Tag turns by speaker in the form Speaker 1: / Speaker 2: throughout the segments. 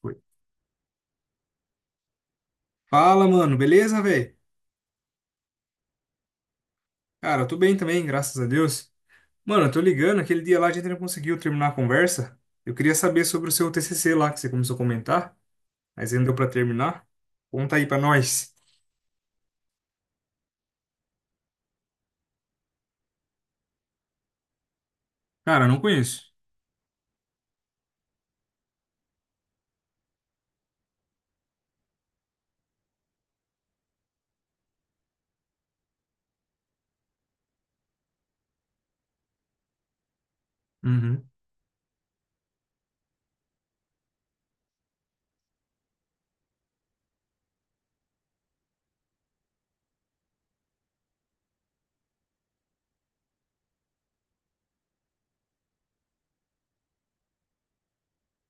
Speaker 1: Foi. Fala, mano, beleza, velho? Cara, eu tô bem também, graças a Deus. Mano, eu tô ligando, aquele dia lá a gente não conseguiu terminar a conversa. Eu queria saber sobre o seu TCC lá que você começou a comentar, mas ainda deu pra terminar. Conta aí pra nós. Cara, eu não conheço. Uhum.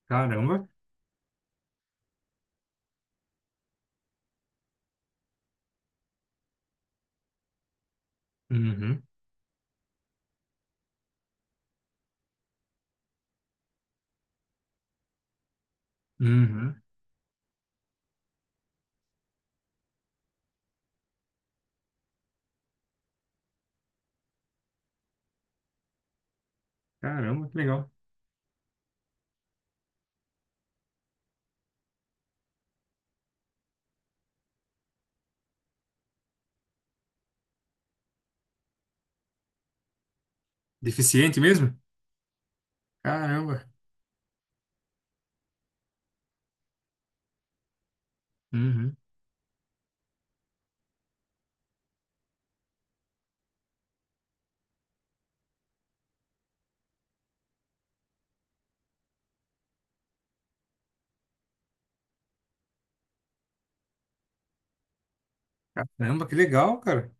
Speaker 1: Caramba. Uhum. Uhum. Caramba, que legal. Deficiente mesmo? Caramba. Uhum. Caramba, que legal, cara.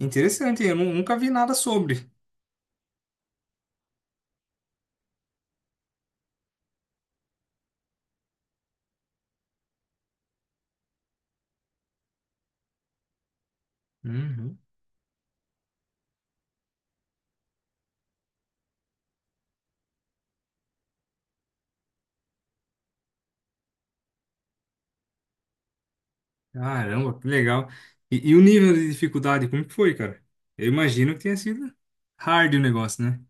Speaker 1: Interessante, eu nunca vi nada sobre. Uhum. Caramba, que legal. E o nível de dificuldade, como que foi, cara? Eu imagino que tenha sido hard o negócio, né?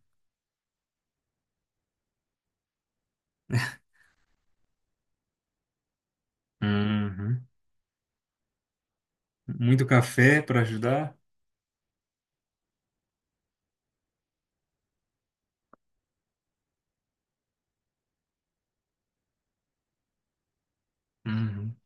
Speaker 1: Uhum. Muito café para ajudar. Uhum.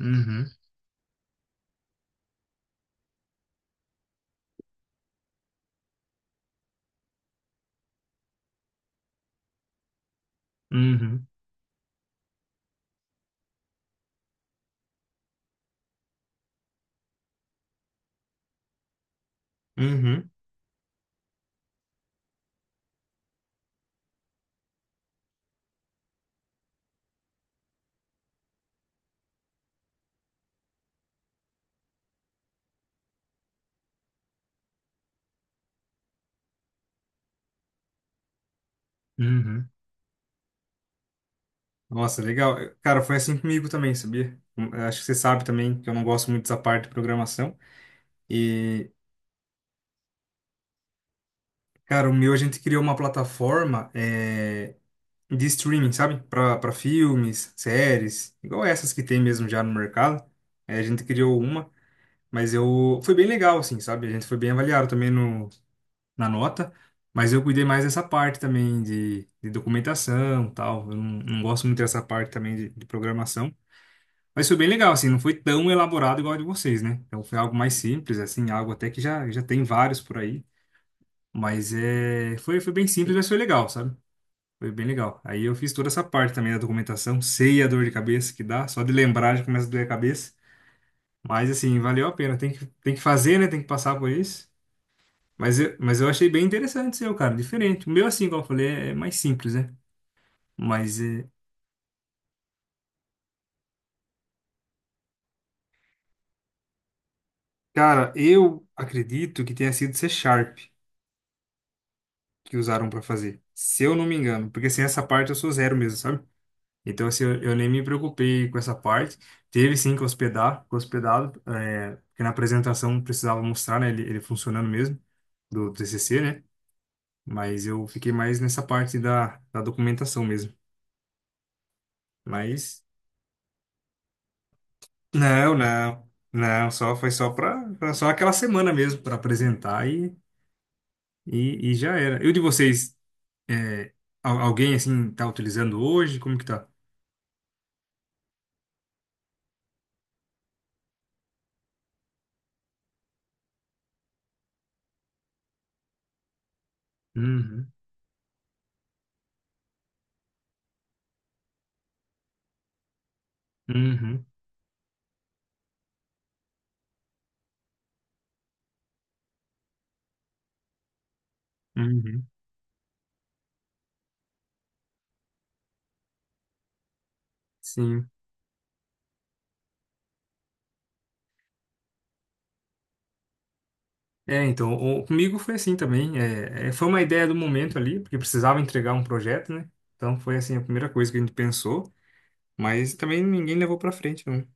Speaker 1: Uhum. Uhum. Uhum. Uhum. Nossa, legal. Cara, foi assim comigo também, sabia? Eu acho que você sabe também que eu não gosto muito dessa parte de programação. E, cara, o meu a gente criou uma plataforma de streaming, sabe? Para filmes, séries, igual essas que tem mesmo já no mercado. É, a gente criou uma. Mas eu. Foi bem legal, assim, sabe? A gente foi bem avaliado também no, na nota. Mas eu cuidei mais dessa parte também de documentação e tal. Eu não gosto muito dessa parte também de programação. Mas foi bem legal, assim, não foi tão elaborado igual a de vocês, né? Então foi algo mais simples, assim, algo até que já tem vários por aí. Mas foi bem simples, mas foi legal, sabe? Foi bem legal. Aí eu fiz toda essa parte também da documentação, sei a dor de cabeça que dá, só de lembrar já começa a doer a cabeça. Mas assim, valeu a pena, tem que fazer, né? Tem que passar por isso. Mas eu achei bem interessante o seu, cara, diferente. O meu, assim, como eu falei, é mais simples, né? Mas, cara, eu acredito que tenha sido C Sharp que usaram pra fazer, se eu não me engano. Porque, assim, essa parte eu sou zero mesmo, sabe? Então, assim, eu nem me preocupei com essa parte. Teve, sim, que hospedar, que hospedado, é, porque na apresentação precisava mostrar, né, ele funcionando mesmo, do T C# C, né? Mas eu fiquei mais nessa parte da documentação mesmo. Mas Não, não, não, só foi só para só aquela semana mesmo para apresentar e já era. E o de vocês, é, alguém assim tá utilizando hoje? Como que tá? Uhum, uhum, uhum, sim. É, então, o, comigo foi assim também. É, é, foi uma ideia do momento ali, porque precisava entregar um projeto, né? Então foi assim a primeira coisa que a gente pensou, mas também ninguém levou para frente, não.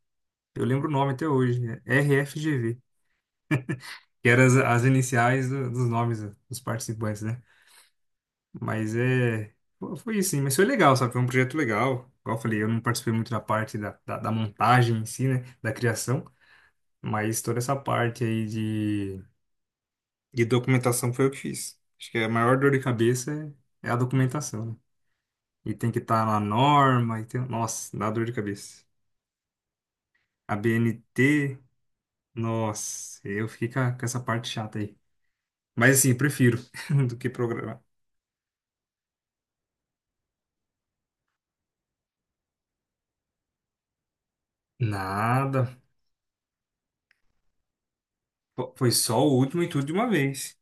Speaker 1: Eu lembro o nome até hoje, é RFGV, que eram as iniciais dos nomes dos participantes, né? Mas é. Foi isso, sim. Mas foi legal, sabe? Foi um projeto legal. Igual eu falei, eu não participei muito da parte da montagem em si, né? Da criação. Mas toda essa parte aí de documentação foi eu que fiz. Acho que a maior dor de cabeça é a documentação, né? E tem que estar na norma. E tem Nossa, dá dor de cabeça. A BNT, nossa, eu fiquei com, com essa parte chata aí. Mas assim, prefiro do que programar. Nada. Foi só o último e tudo de uma vez.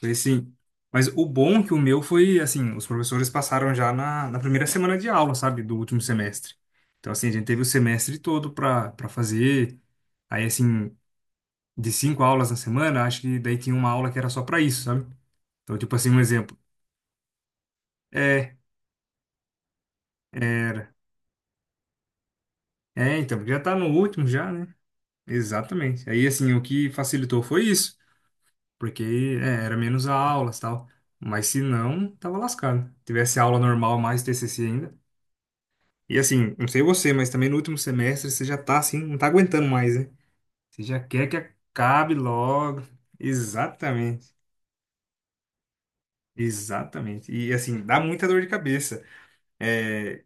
Speaker 1: Foi assim. Mas o bom é que o meu foi, assim, os professores passaram já na primeira semana de aula, sabe, do último semestre. Então, assim, a gente teve o semestre todo para fazer. Aí, assim, de cinco aulas na semana, acho que daí tinha uma aula que era só para isso, sabe? Então, tipo assim, um exemplo. É, era. É, então, porque já tá no último já, né? Exatamente. Aí, assim, o que facilitou foi isso, porque era menos aulas e tal. Mas se não, tava lascado. Tivesse aula normal mais TCC ainda. E assim, não sei você, mas também no último semestre você já tá assim, não tá aguentando mais, né? Você já quer que acabe logo. Exatamente, exatamente. E assim, dá muita dor de cabeça. É,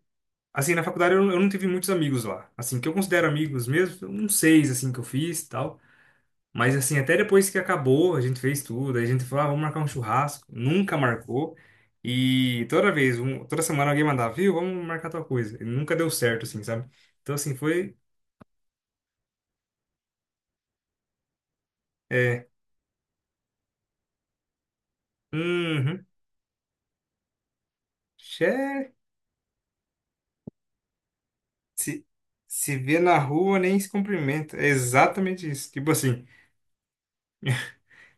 Speaker 1: assim, na faculdade eu não tive muitos amigos lá. Assim, que eu considero amigos mesmo, uns seis, assim, que eu fiz e tal. Mas assim, até depois que acabou, a gente fez tudo, aí a gente falou, ah, vamos marcar um churrasco. Nunca marcou. E toda vez, toda semana alguém mandava, viu, vamos marcar tal coisa. E nunca deu certo, assim, sabe? Então assim, foi. É, uhum. Xé, se, se vê na rua, nem se cumprimenta. É exatamente isso. Tipo assim,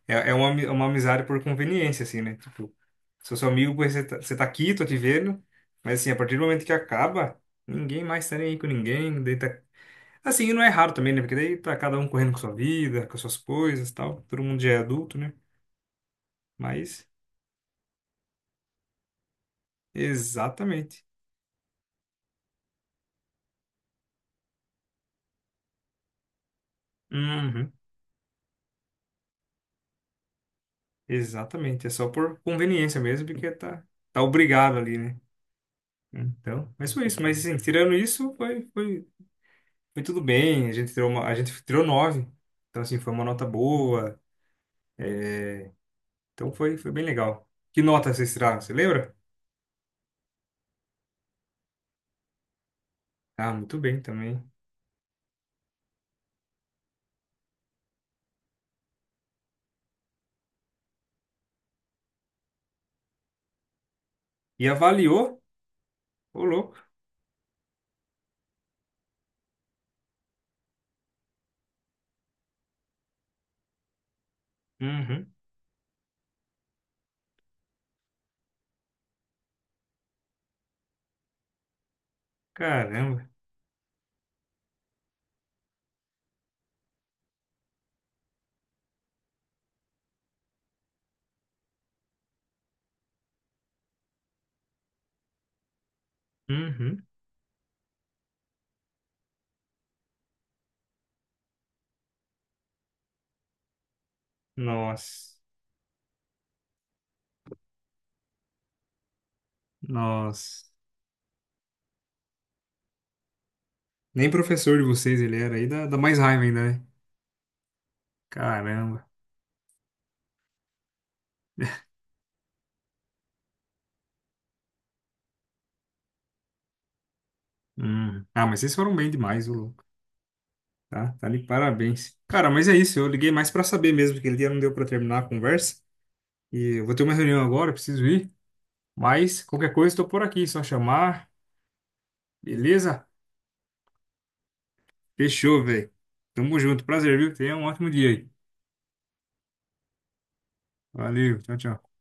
Speaker 1: é uma, uma amizade por conveniência, assim, né? Tipo, sou seu amigo, porque você tá aqui, tô te vendo. Mas assim, a partir do momento que acaba, ninguém mais tá nem aí com ninguém. Daí tá Assim, e não é raro também, né? Porque daí tá cada um correndo com sua vida, com suas coisas e tal. Todo mundo já é adulto, né? Mas, exatamente. Uhum. Exatamente. É só por conveniência mesmo, porque tá obrigado ali, né? Então, mas foi isso. Mas assim, tirando isso, foi tudo bem. A gente tirou 9. Então, assim, foi uma nota boa. Então, foi bem legal. Que nota vocês tiraram? Você lembra? Ah, muito bem também. E avaliou? Ô, louco. Uhum. Caramba. Uhum. Nossa. Nossa. Nem professor de vocês ele era aí, dá mais raiva ainda, né? Caramba. Hum. Ah, mas vocês foram bem demais, ô louco. Tá de parabéns. Cara, mas é isso. Eu liguei mais pra saber mesmo, que ele dia não deu pra terminar a conversa. E eu vou ter uma reunião agora, eu preciso ir. Mas qualquer coisa, estou por aqui, só chamar. Beleza? Fechou, velho. Tamo junto. Prazer, viu? Tenha um ótimo dia aí. Valeu, tchau, tchau.